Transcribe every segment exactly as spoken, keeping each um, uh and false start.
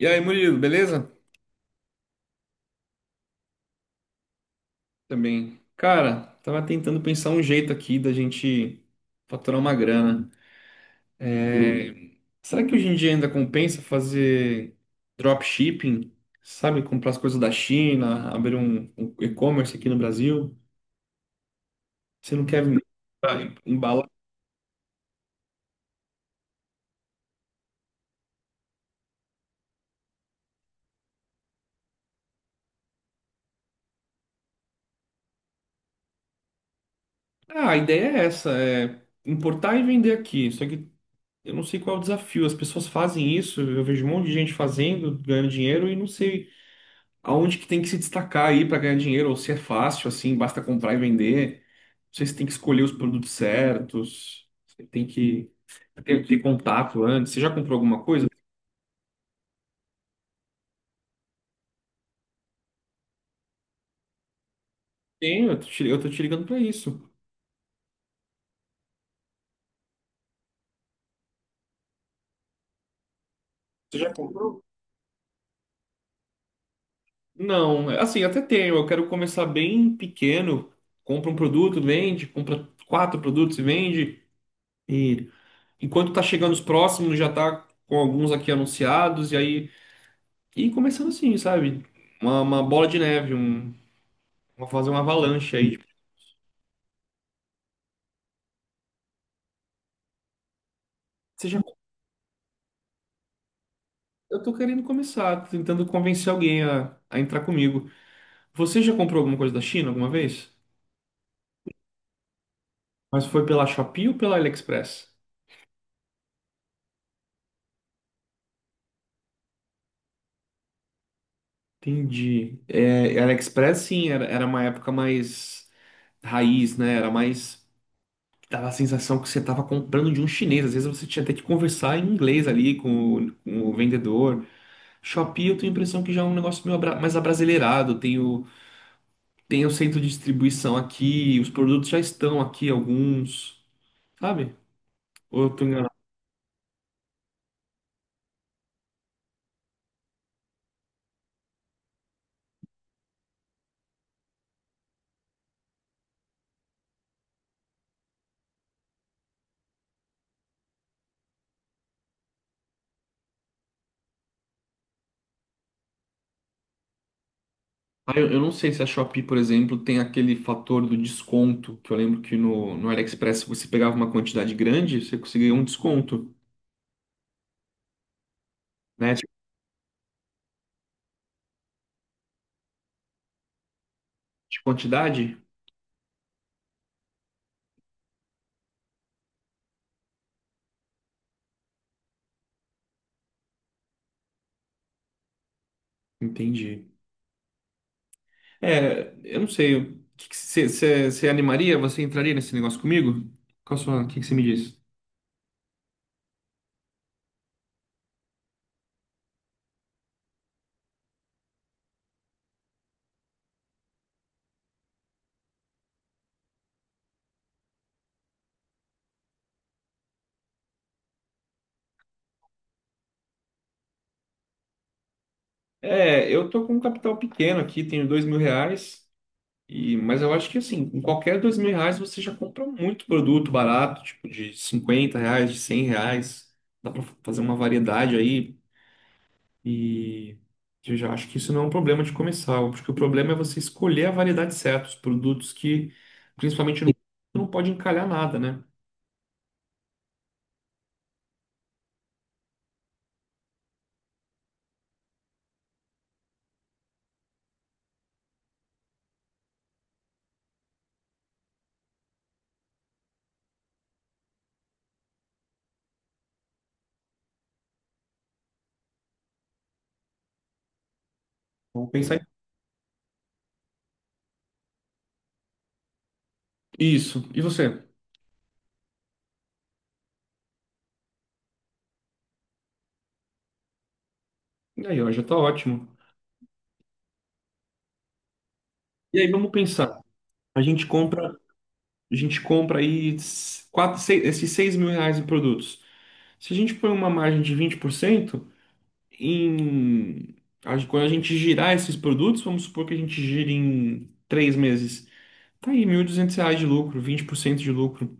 E aí, Murilo, beleza? Também. Cara, tava tentando pensar um jeito aqui da gente faturar uma grana. É, Será que hoje em dia ainda compensa fazer dropshipping? Sabe, comprar as coisas da China, abrir um, um e-commerce aqui no Brasil? Você não quer ah, embalar? Ah, a ideia é essa, é importar e vender aqui. Só que eu não sei qual é o desafio. As pessoas fazem isso, eu vejo um monte de gente fazendo, ganhando dinheiro e não sei aonde que tem que se destacar aí para ganhar dinheiro, ou se é fácil, assim, basta comprar e vender. Não sei se tem que escolher os produtos certos, você tem que ter, ter contato antes. Você já comprou alguma coisa? Tenho, eu tô te, eu tô te ligando para isso. Você já comprou? Não, é, assim, até tenho. Eu quero começar bem pequeno. Compra um produto, vende, compra quatro produtos e vende. E enquanto tá chegando os próximos, já tá com alguns aqui anunciados, e aí. E começando assim, sabe? Uma, uma bola de neve, um vou fazer uma avalanche aí. Tipo, você já... Eu tô querendo começar, tô tentando convencer alguém a, a entrar comigo. Você já comprou alguma coisa da China alguma vez? Mas foi pela Shopee ou pela AliExpress? Entendi. É, AliExpress, sim, era, era uma época mais raiz, né? Era mais. Dava a sensação que você estava comprando de um chinês. Às vezes você tinha até que conversar em inglês ali com o, com o vendedor. Shopee, eu tenho a impressão que já é um negócio meio abra- mais abrasileirado. Tem o, tem o centro de distribuição aqui, os produtos já estão aqui, alguns, sabe? Ou eu tô enganado? Ah, eu, eu não sei se a Shopee, por exemplo, tem aquele fator do desconto, que eu lembro que no, no AliExpress se você pegava uma quantidade grande, você conseguia um desconto, né? Tipo. De quantidade? Entendi. É, eu não sei. O que que Você você- você animaria? Você entraria nesse negócio comigo? Qual a sua, o que que você me diz? É, eu tô com um capital pequeno aqui, tenho dois mil reais. E, mas eu acho que assim, com qualquer dois mil reais você já compra muito produto barato, tipo de cinquenta reais, de cem reais. Dá pra fazer uma variedade aí. E eu já acho que isso não é um problema de começar. Eu acho que o problema é você escolher a variedade certa, os produtos que, principalmente no, não pode encalhar nada, né? Vamos pensar em isso. E você? E aí, ó, já tá ótimo. E aí, vamos pensar. A gente compra, a gente compra aí s- quatro, seis, esses seis mil reais em produtos. Se a gente põe uma margem de vinte por cento em a quando a gente girar esses produtos, vamos supor que a gente gire em três meses. Tá aí, mil e duzentos reais de lucro, vinte por cento de lucro.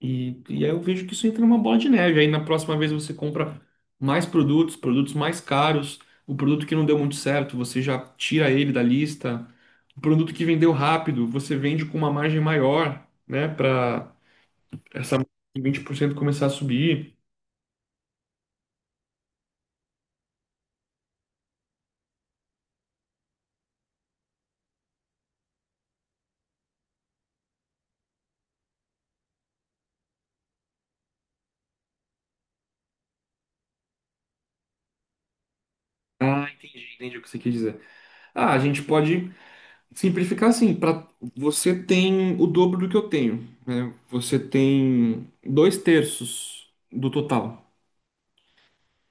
E, e aí eu vejo que isso entra numa bola de neve. Aí na próxima vez você compra mais produtos, produtos mais caros, o produto que não deu muito certo, você já tira ele da lista. O produto que vendeu rápido, você vende com uma margem maior, né, para vinte por cento começar a subir. Ah, entendi, entendi o que você quis dizer. Ah, a gente pode simplificar assim, para você tem o dobro do que eu tenho, né? Você tem dois terços do total.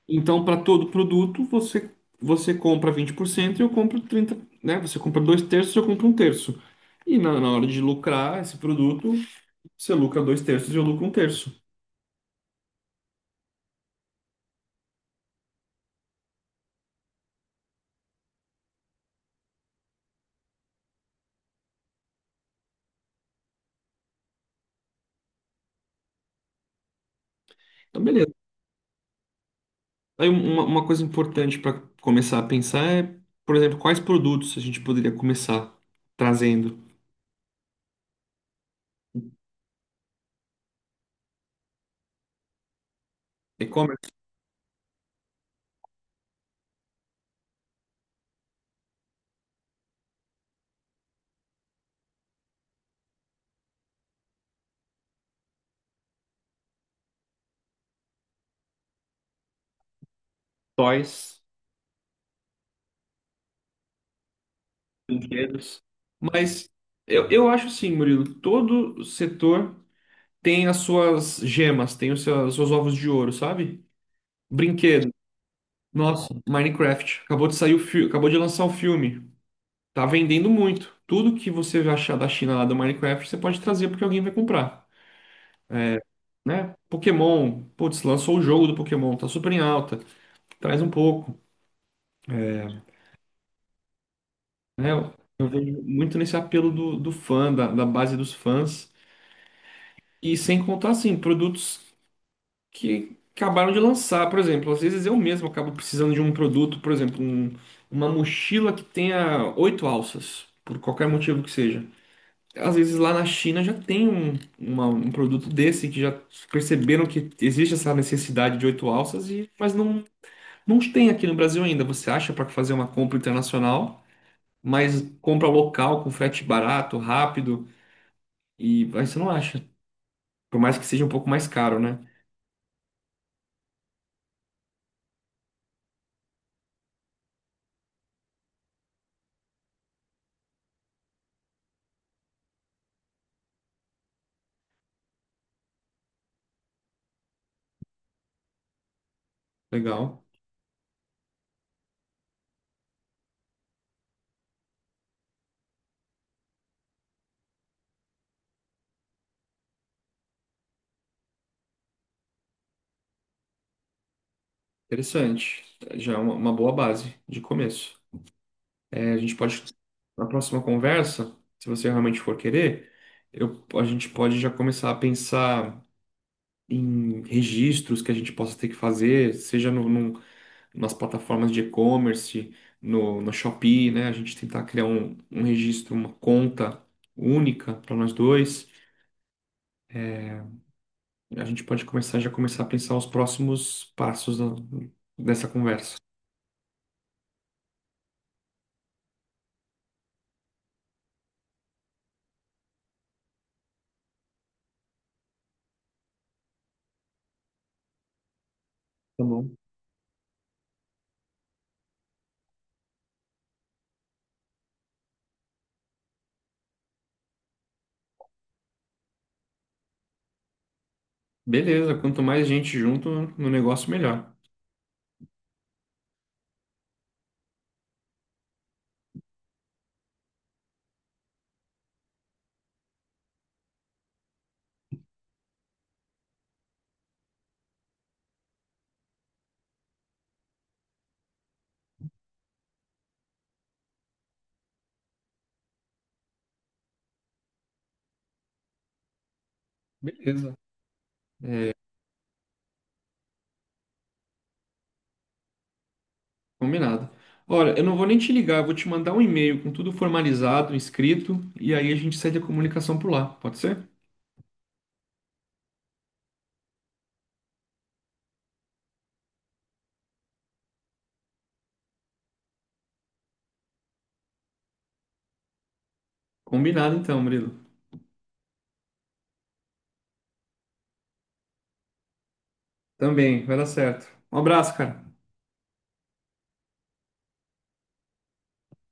Então, para todo produto, você, você compra vinte por cento e eu compro trinta por cento, né? Você compra dois terços e eu compro um terço. E na, na hora de lucrar esse produto, você lucra dois terços e eu lucro um terço. Então, beleza. Aí uma, uma coisa importante para começar a pensar é, por exemplo, quais produtos a gente poderia começar trazendo? E-commerce, toys. Brinquedos. Mas eu, eu acho assim, Murilo, todo setor tem as suas gemas, tem os seus, os seus ovos de ouro, sabe? Brinquedo. Nossa, Minecraft. Acabou de sair o filme, acabou de lançar o filme. Tá vendendo muito. Tudo que você achar da China lá do Minecraft, você pode trazer porque alguém vai comprar, né? Pokémon, putz, lançou o jogo do Pokémon, tá super em alta. Traz um pouco, né? Eu vejo muito nesse apelo do, do fã, da, da base dos fãs. E sem contar, assim, produtos que acabaram de lançar. Por exemplo, às vezes eu mesmo acabo precisando de um produto, por exemplo, um- uma mochila que tenha oito alças, por qualquer motivo que seja. Às vezes lá na China já tem um, uma- um produto desse que já perceberam que existe essa necessidade de oito alças, e, mas não, não tem aqui no Brasil ainda. Você acha para fazer uma compra internacional, mas compra local com frete barato, rápido, e aí você não acha. Por mais que seja um pouco mais caro, né? Legal. Interessante. Já é uma uma boa base de começo. É, a gente pode, na próxima conversa, se você realmente for querer, eu, a gente pode já começar a pensar em registros que a gente possa ter que fazer, seja no, num- nas plataformas de e-commerce, no, no Shopee, né? A gente tentar criar um, um registro, uma conta única para nós dois. A gente pode começar já começar a pensar os próximos passos da- dessa conversa. Tá bom. Beleza, quanto mais gente junto no negócio, melhor. Beleza. Combinado. Olha, eu não vou nem te ligar, eu vou te mandar um e-mail com tudo formalizado, inscrito, e aí a gente segue a comunicação por lá, pode ser? Combinado então, Murilo. Também, vai dar certo. Um abraço, cara.